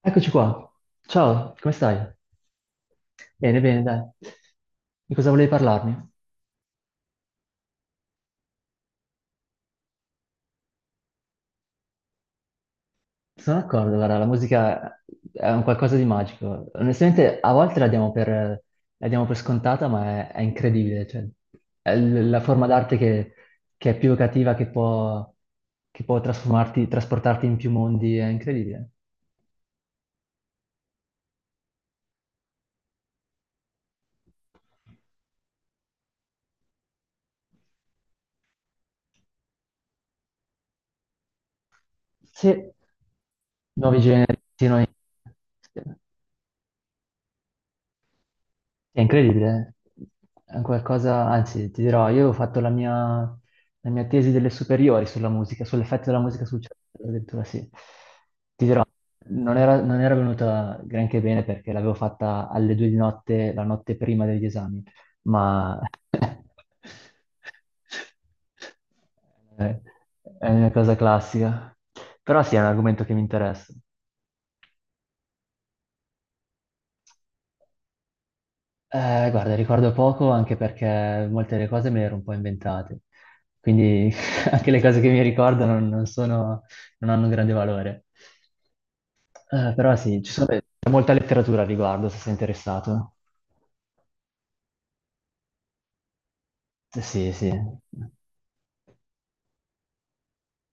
Eccoci qua. Ciao, come stai? Bene, bene, dai. Di cosa volevi parlarmi? Sono d'accordo, guarda, la musica è un qualcosa di magico. Onestamente, a volte la diamo per scontata, ma è incredibile. Cioè, è la forma d'arte che è più evocativa, che può trasformarti, trasportarti in più mondi, è incredibile. Sì, nuovi generi, sì. È incredibile, è un qualcosa, anzi ti dirò, io ho fatto la mia tesi delle superiori sulla musica, sull'effetto della musica sul cervello, addirittura sì. Ti dirò, non era venuta granché bene perché l'avevo fatta alle 2 di notte, la notte prima degli esami, ma è è una cosa classica. Però sì, è un argomento che mi interessa. Guarda, ricordo poco anche perché molte delle cose me le ero un po' inventate, quindi anche le cose che mi ricordo non sono, non hanno un grande valore. Però sì, vabbè, c'è molta letteratura al riguardo, se sei interessato. Sì, sì,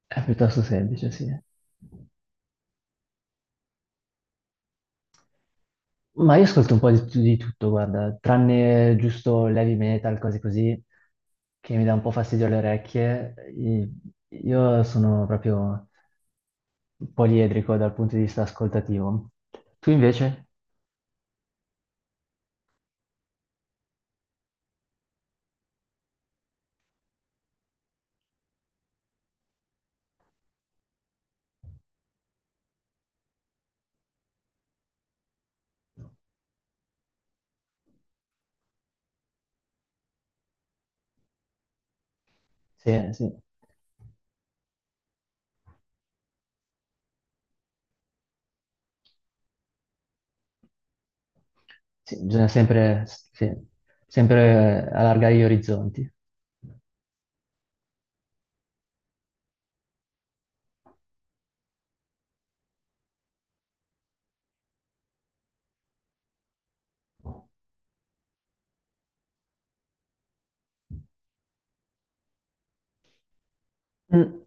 è piuttosto semplice, sì. Ma io ascolto un po' di tutto, guarda, tranne giusto l'heavy metal, cose così, che mi dà un po' fastidio alle orecchie. Io sono proprio poliedrico dal punto di vista ascoltativo. Tu invece? Sì, sì. Sì, bisogna sempre, sì, sempre allargare gli orizzonti. Mm.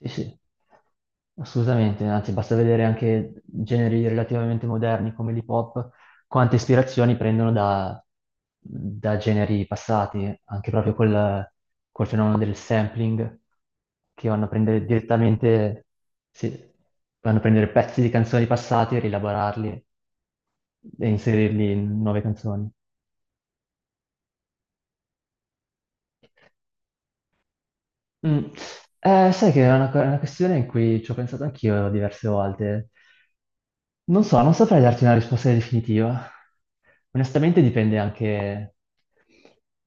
Sì, sì, assolutamente, anzi basta vedere anche generi relativamente moderni come l'hip hop, quante ispirazioni prendono da generi passati, anche proprio col fenomeno del sampling, che vanno a prendere direttamente, sì, vanno a prendere pezzi di canzoni passate e rielaborarli e inserirli in nuove canzoni. Mm. Sai che è una questione in cui ci ho pensato anch'io diverse volte. Non so, non saprei darti una risposta definitiva. Onestamente dipende anche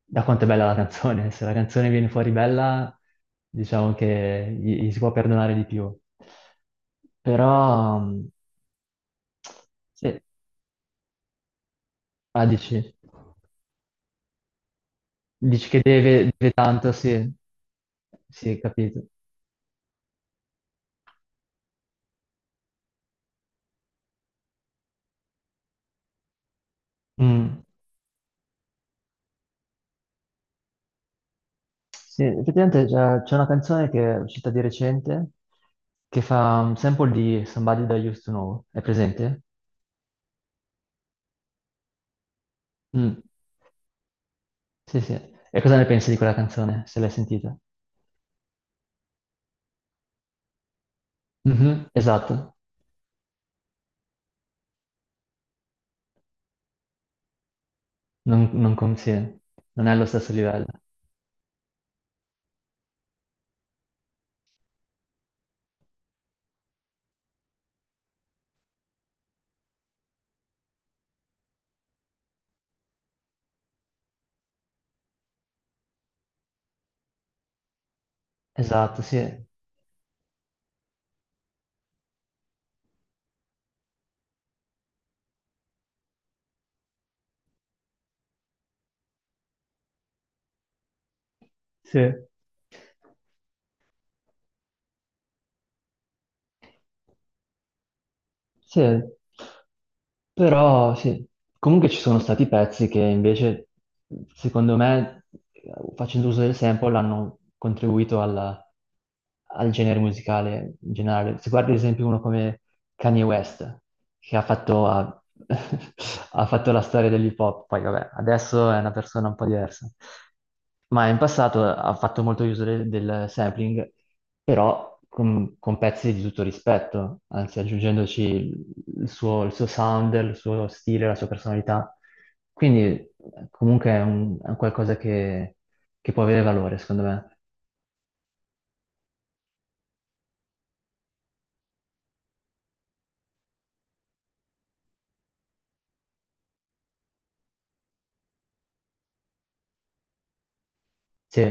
da quanto è bella la canzone. Se la canzone viene fuori bella, diciamo che gli si può perdonare di più. Però, sì, ah, dici che deve tanto, sì, sì, capito. Mm. Sì, effettivamente c'è una canzone che è uscita di recente che fa un sample di Somebody That I Used to Know. È presente? Mm. Sì, sì. E cosa ne pensi di quella canzone, se l'hai sentita? Mhm, esatto. Non, non, sì, non è allo stesso livello. Esatto, sì. Sì. Sì, però sì, comunque ci sono stati pezzi che invece, secondo me, facendo uso del sample, hanno contribuito al genere musicale in generale. Se guardi ad esempio uno come Kanye West, che ha fatto, ha fatto la storia dell'hip hop, poi vabbè, adesso è una persona un po' diversa ma in passato ha fatto molto uso del sampling, però con pezzi di tutto rispetto, anzi aggiungendoci il suo sound, il suo stile, la sua personalità. Quindi comunque è un qualcosa che può avere valore, secondo me. Sì,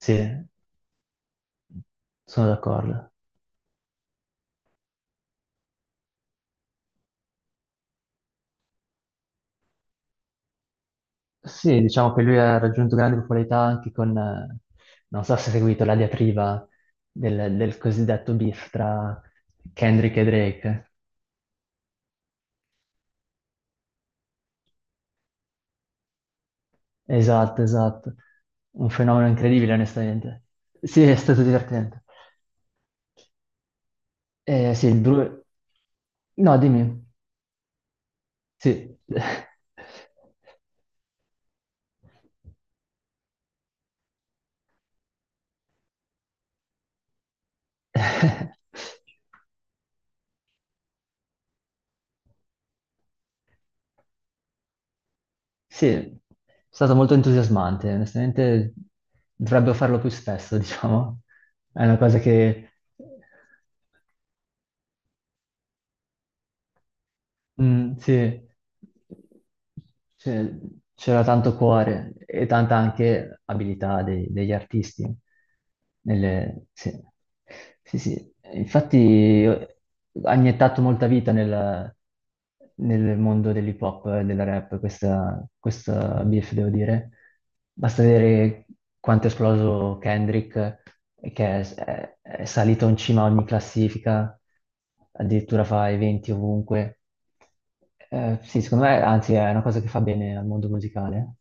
sì, sono d'accordo. Sì, diciamo che lui ha raggiunto grande popolarità anche con, non so se hai seguito la diatriba del cosiddetto beef tra Kendrick e Drake. Esatto, esatto. Un fenomeno incredibile, onestamente. Sì, è stato divertente. Sì. No, dimmi. Sì. Sì, è stato molto entusiasmante. Onestamente, dovrebbero farlo più spesso, diciamo. È una cosa che... Mm, sì, c'è- c'era tanto cuore e tanta anche abilità degli artisti. Sì. Sì, sì. Infatti ha iniettato molta vita nel mondo dell'hip hop e del rap, questa, beef, devo dire. Basta vedere quanto è esploso Kendrick, che è salito in cima a ogni classifica addirittura fa eventi ovunque. Sì, secondo me, anzi, è una cosa che fa bene al mondo musicale.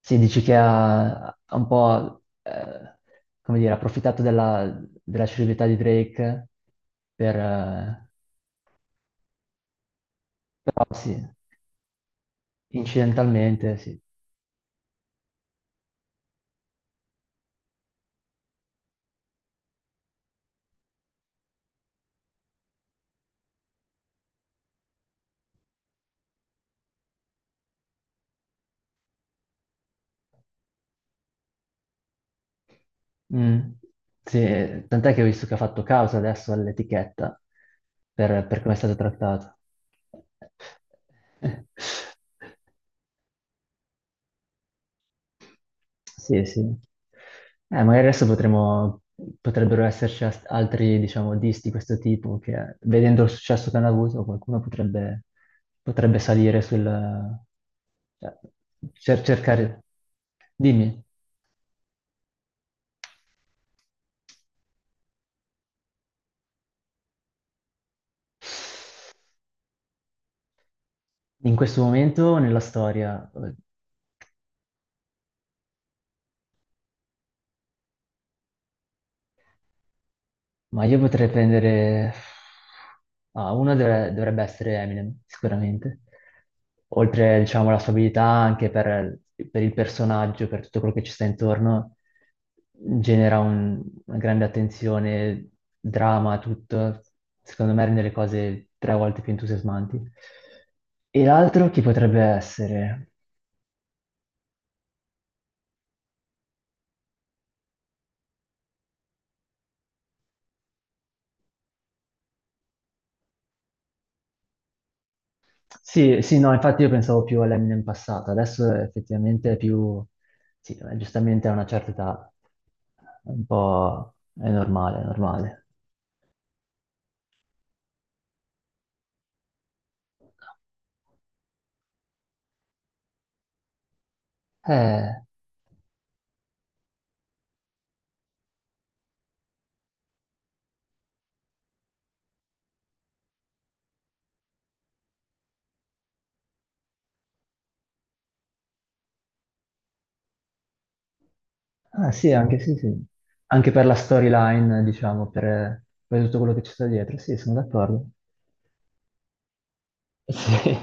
Sì, dici che ha un po', come dire, approfittato della celebrità di Drake per, però sì, incidentalmente, sì. Mm, sì, tant'è che ho visto che ha fatto causa adesso all'etichetta per come è stato trattato. Sì, sì. Magari adesso potremmo, potrebbero esserci altri, diciamo, disti di questo tipo che, vedendo il successo che hanno avuto, qualcuno potrebbe salire sul... cioè, cercare... Dimmi, in questo momento nella storia? Ma io potrei prendere... Ah, uno dovrebbe essere Eminem, sicuramente. Oltre, diciamo, alla sua abilità anche per il personaggio, per tutto quello che ci sta intorno, genera una grande attenzione, drama, tutto. Secondo me rende le cose tre volte più entusiasmanti. E l'altro chi potrebbe essere? Sì, sì, no, infatti io pensavo più all'Eminem passato, adesso effettivamente è più... Sì, giustamente a una certa età. È un po'... è normale, è normale. Eh, ah, sì, anche sì, sì. Anche per la storyline, diciamo, per tutto quello che ci sta dietro, sì, sono d'accordo. Sì.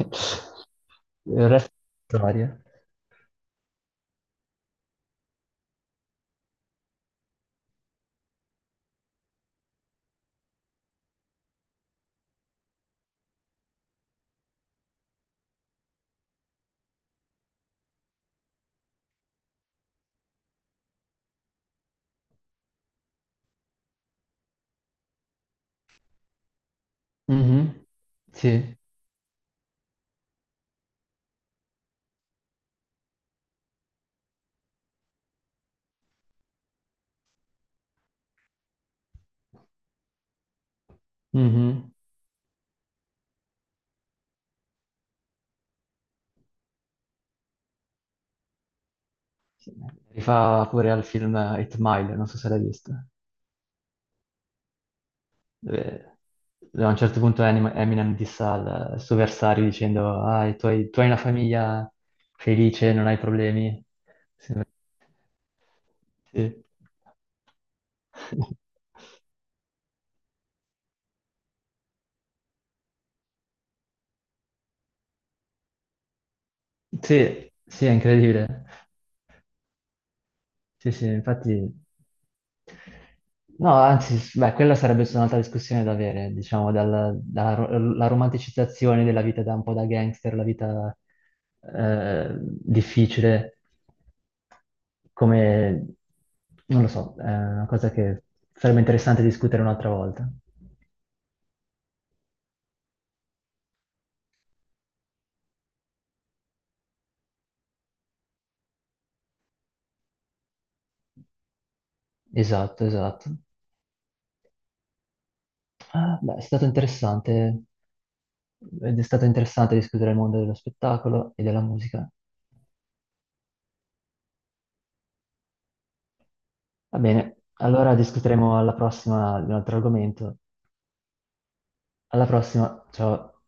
Il resto è storia. Mhm. Sì. Mhm. Sì. Rifà pure al film Eight Mile, non so se l'hai visto, dove, dove a un certo punto Eminem dissa al suo avversario dicendo ah, tu hai una famiglia felice, non hai problemi. Sì. Sì. Sì, sì, è incredibile. Sì, sì, infatti... No, anzi, beh, quella sarebbe stata un'altra discussione da avere, diciamo, la romanticizzazione della vita da un po' da gangster, la vita difficile, come... non lo so, è una cosa che sarebbe interessante discutere un'altra volta. Esatto, esatto. Ah, beh, è stato interessante. Ed è stato interessante discutere il mondo dello spettacolo e della musica. Va bene, allora discuteremo alla prossima di un altro argomento. Alla prossima, ciao.